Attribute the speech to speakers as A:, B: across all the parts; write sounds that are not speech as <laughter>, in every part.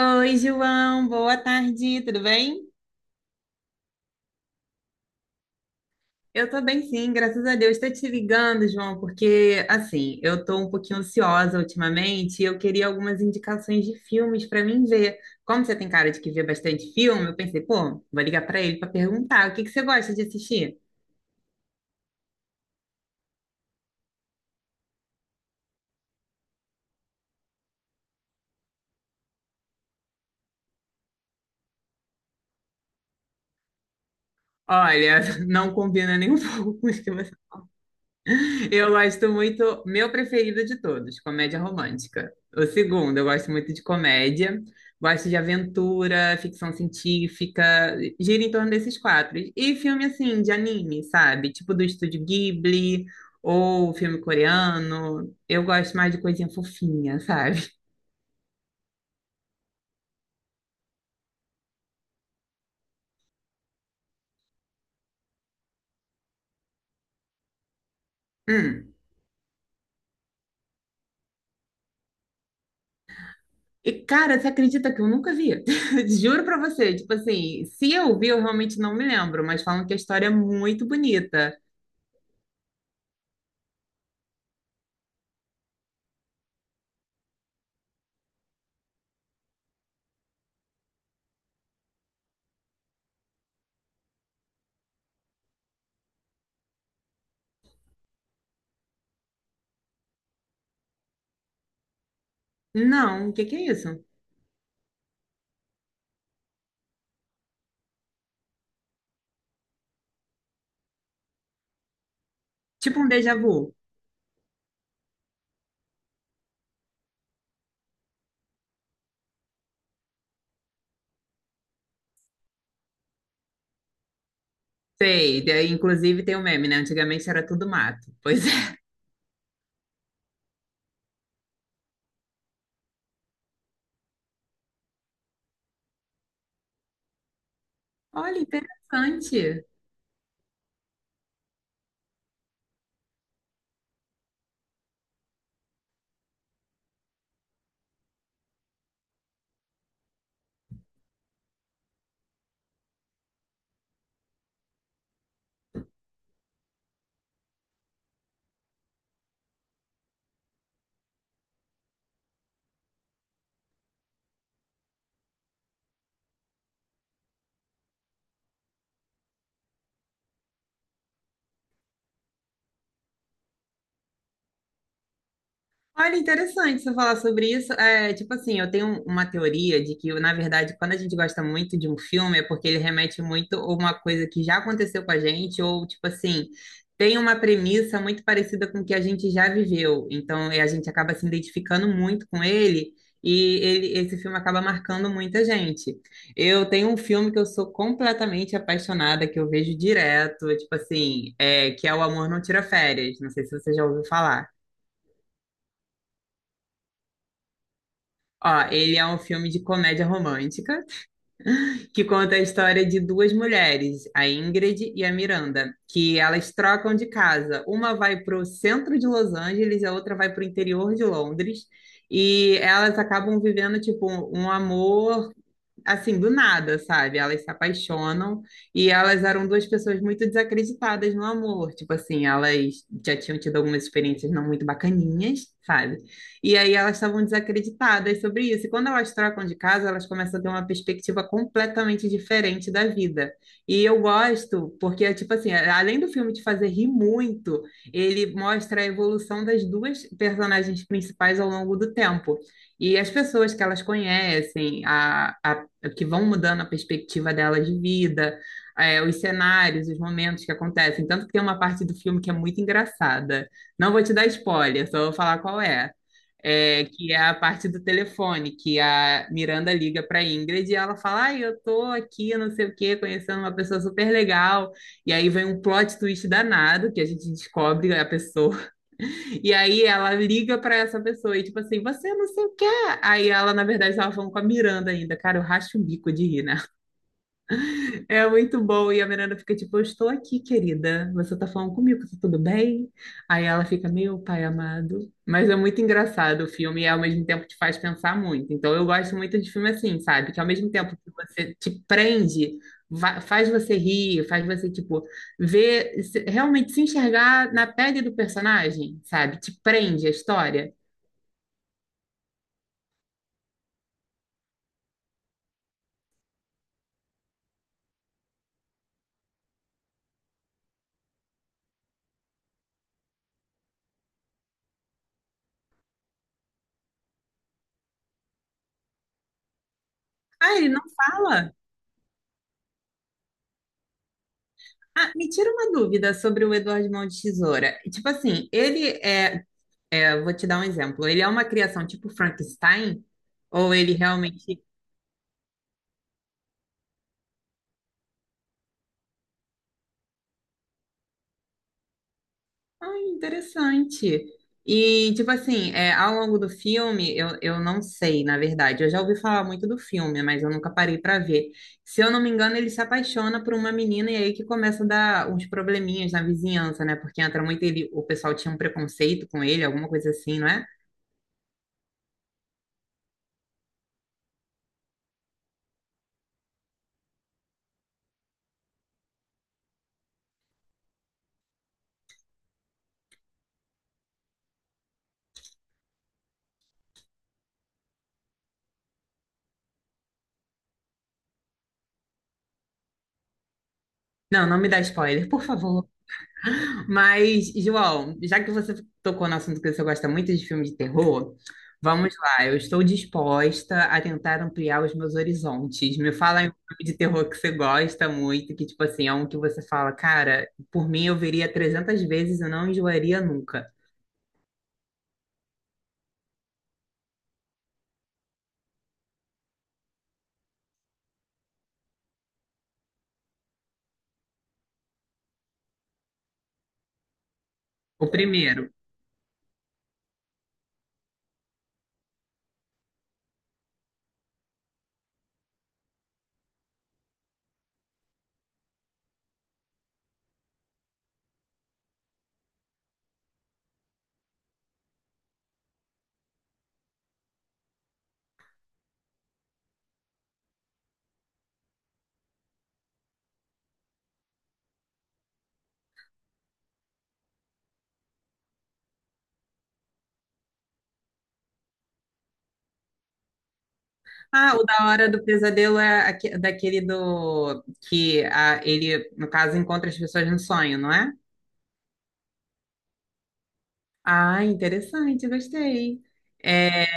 A: Oi, João, boa tarde, tudo bem? Eu tô bem, sim, graças a Deus. Estou te ligando, João, porque assim, eu tô um pouquinho ansiosa ultimamente e eu queria algumas indicações de filmes para mim ver. Como você tem cara de que vê bastante filme, eu pensei, pô, vou ligar para ele para perguntar, o que que você gosta de assistir? Olha, <laughs> não combina nem um pouco com o que você Eu gosto muito, meu preferido de todos, comédia romântica. O segundo, eu gosto muito de comédia, gosto de aventura, ficção científica, gira em torno desses quatro. E filme assim, de anime, sabe? Tipo do Estúdio Ghibli ou filme coreano. Eu gosto mais de coisinha fofinha, sabe? Hum. E cara, você acredita que eu nunca vi? <laughs> Juro pra você, tipo assim, se eu vi, eu realmente não me lembro, mas falam que a história é muito bonita. Não, o que que é isso? Tipo um déjà vu. Sei, daí, inclusive tem um meme, né? Antigamente era tudo mato. Pois é. <laughs> Olha, interessante. Olha, interessante você falar sobre isso. É, tipo assim, eu tenho uma teoria de que, na verdade, quando a gente gosta muito de um filme, é porque ele remete muito a uma coisa que já aconteceu com a gente, ou, tipo assim, tem uma premissa muito parecida com o que a gente já viveu. Então, é, a gente acaba se identificando muito com ele, e esse filme acaba marcando muita gente. Eu tenho um filme que eu sou completamente apaixonada, que eu vejo direto, tipo assim, é, que é O Amor Não Tira Férias. Não sei se você já ouviu falar. Ó, ele é um filme de comédia romântica que conta a história de duas mulheres, a Ingrid e a Miranda, que elas trocam de casa. Uma vai para o centro de Los Angeles, e a outra vai para o interior de Londres, e elas acabam vivendo tipo um amor assim, do nada, sabe? Elas se apaixonam e elas eram duas pessoas muito desacreditadas no amor. Tipo assim, elas já tinham tido algumas experiências não muito bacaninhas, sabe? E aí elas estavam desacreditadas sobre isso. E quando elas trocam de casa, elas começam a ter uma perspectiva completamente diferente da vida. E eu gosto, porque, tipo assim, além do filme te fazer rir muito, ele mostra a evolução das duas personagens principais ao longo do tempo. E as pessoas que elas conhecem, a que vão mudando a perspectiva dela de vida, é, os cenários, os momentos que acontecem. Tanto que tem uma parte do filme que é muito engraçada. Não vou te dar spoiler, só vou falar qual é. É, que é a parte do telefone, que a Miranda liga para Ingrid e ela fala: Ai, eu tô aqui, não sei o quê, conhecendo uma pessoa super legal. E aí vem um plot twist danado, que a gente descobre a pessoa. E aí ela liga pra essa pessoa e tipo assim, você não sei o que. Aí ela, na verdade, tava falando com a Miranda ainda. Cara, eu racho o bico de rir, né? É muito bom. E a Miranda fica tipo, eu estou aqui, querida. Você tá falando comigo, tá tudo bem? Aí ela fica, meu pai amado. Mas é muito engraçado o filme e ao mesmo tempo te faz pensar muito. Então eu gosto muito de filme assim, sabe? Que ao mesmo tempo que você te prende, faz você rir, faz você, tipo, ver, realmente se enxergar na pele do personagem, sabe? Te prende a história. Ah, ele não fala? Ah, me tira uma dúvida sobre o Eduardo Mão de Tesoura. Tipo assim, ele é. Eu vou te dar um exemplo. Ele é uma criação tipo Frankenstein? Ou ele realmente. Ai, interessante. E, tipo assim, é, ao longo do filme, eu não sei, na verdade. Eu já ouvi falar muito do filme, mas eu nunca parei para ver. Se eu não me engano, ele se apaixona por uma menina e aí que começa a dar uns probleminhas na vizinhança, né? Porque entra muito ele, o pessoal tinha um preconceito com ele, alguma coisa assim, não é? Não, não me dá spoiler, por favor. Mas, João, já que você tocou no assunto que você gosta muito de filme de terror, vamos lá. Eu estou disposta a tentar ampliar os meus horizontes. Me fala em um filme de terror que você gosta muito, que, tipo assim, é um que você fala, cara, por mim eu veria 300 vezes e não enjoaria nunca. O primeiro. Ah, o da Hora do Pesadelo é daquele do... que ah, ele, no caso, encontra as pessoas no sonho, não é? Ah, interessante, gostei. É,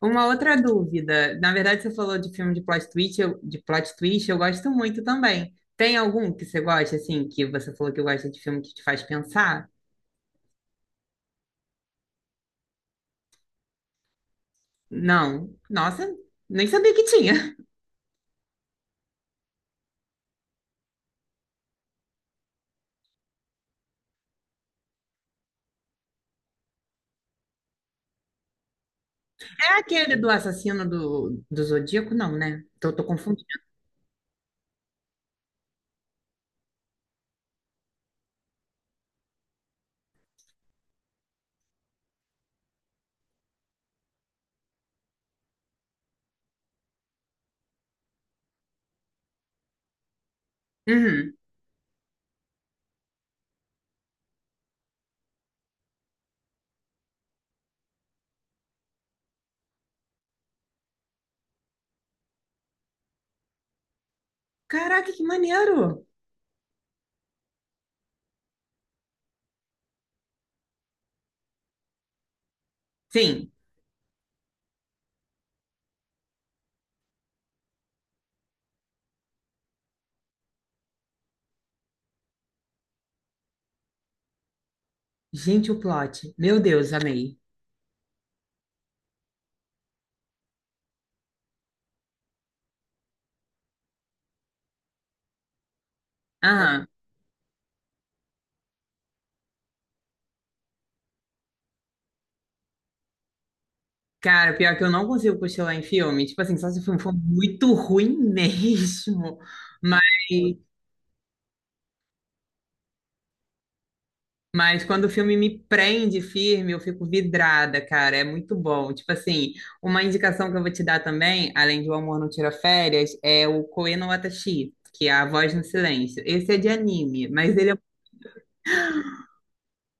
A: uma outra dúvida. Na verdade, você falou de filme de plot twist, eu, de plot twist, eu gosto muito também. Tem algum que você gosta, assim, que você falou que gosta de filme que te faz pensar? Não. Nossa, nem sabia que tinha. <laughs> É aquele do assassino do Zodíaco? Não, né? Tô confundindo. Uhum. Caraca, que maneiro! Sim. Gente, o plot. Meu Deus, amei. Aham. Cara, pior que eu não consigo cochilar em filme. Tipo assim, só se o filme for muito ruim <laughs> mesmo. Mas. Mas quando o filme me prende firme, eu fico vidrada, cara. É muito bom. Tipo assim, uma indicação que eu vou te dar também, além de O Amor Não Tira Férias, é o Koe no Watashi, que é A Voz no Silêncio. Esse é de anime, mas ele é.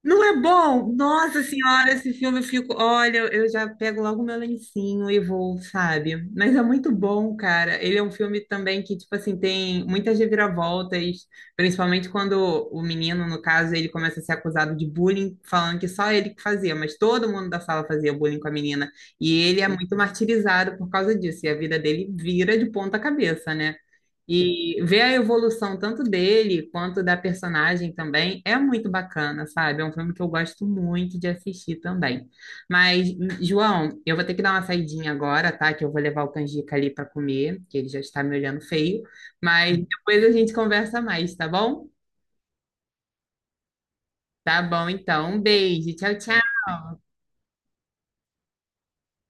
A: Não é bom? Nossa senhora, esse filme eu fico. Olha, eu já pego logo meu lencinho e vou, sabe? Mas é muito bom, cara. Ele é um filme também que, tipo assim, tem muitas reviravoltas, principalmente quando o menino, no caso, ele começa a ser acusado de bullying, falando que só ele que fazia, mas todo mundo da sala fazia bullying com a menina. E ele é muito martirizado por causa disso, e a vida dele vira de ponta cabeça, né? E ver a evolução tanto dele quanto da personagem também é muito bacana, sabe? É um filme que eu gosto muito de assistir também. Mas, João, eu vou ter que dar uma saidinha agora, tá? Que eu vou levar o canjica ali para comer, que ele já está me olhando feio. Mas depois a gente conversa mais, tá bom? Tá bom, então. Um beijo. Tchau, tchau.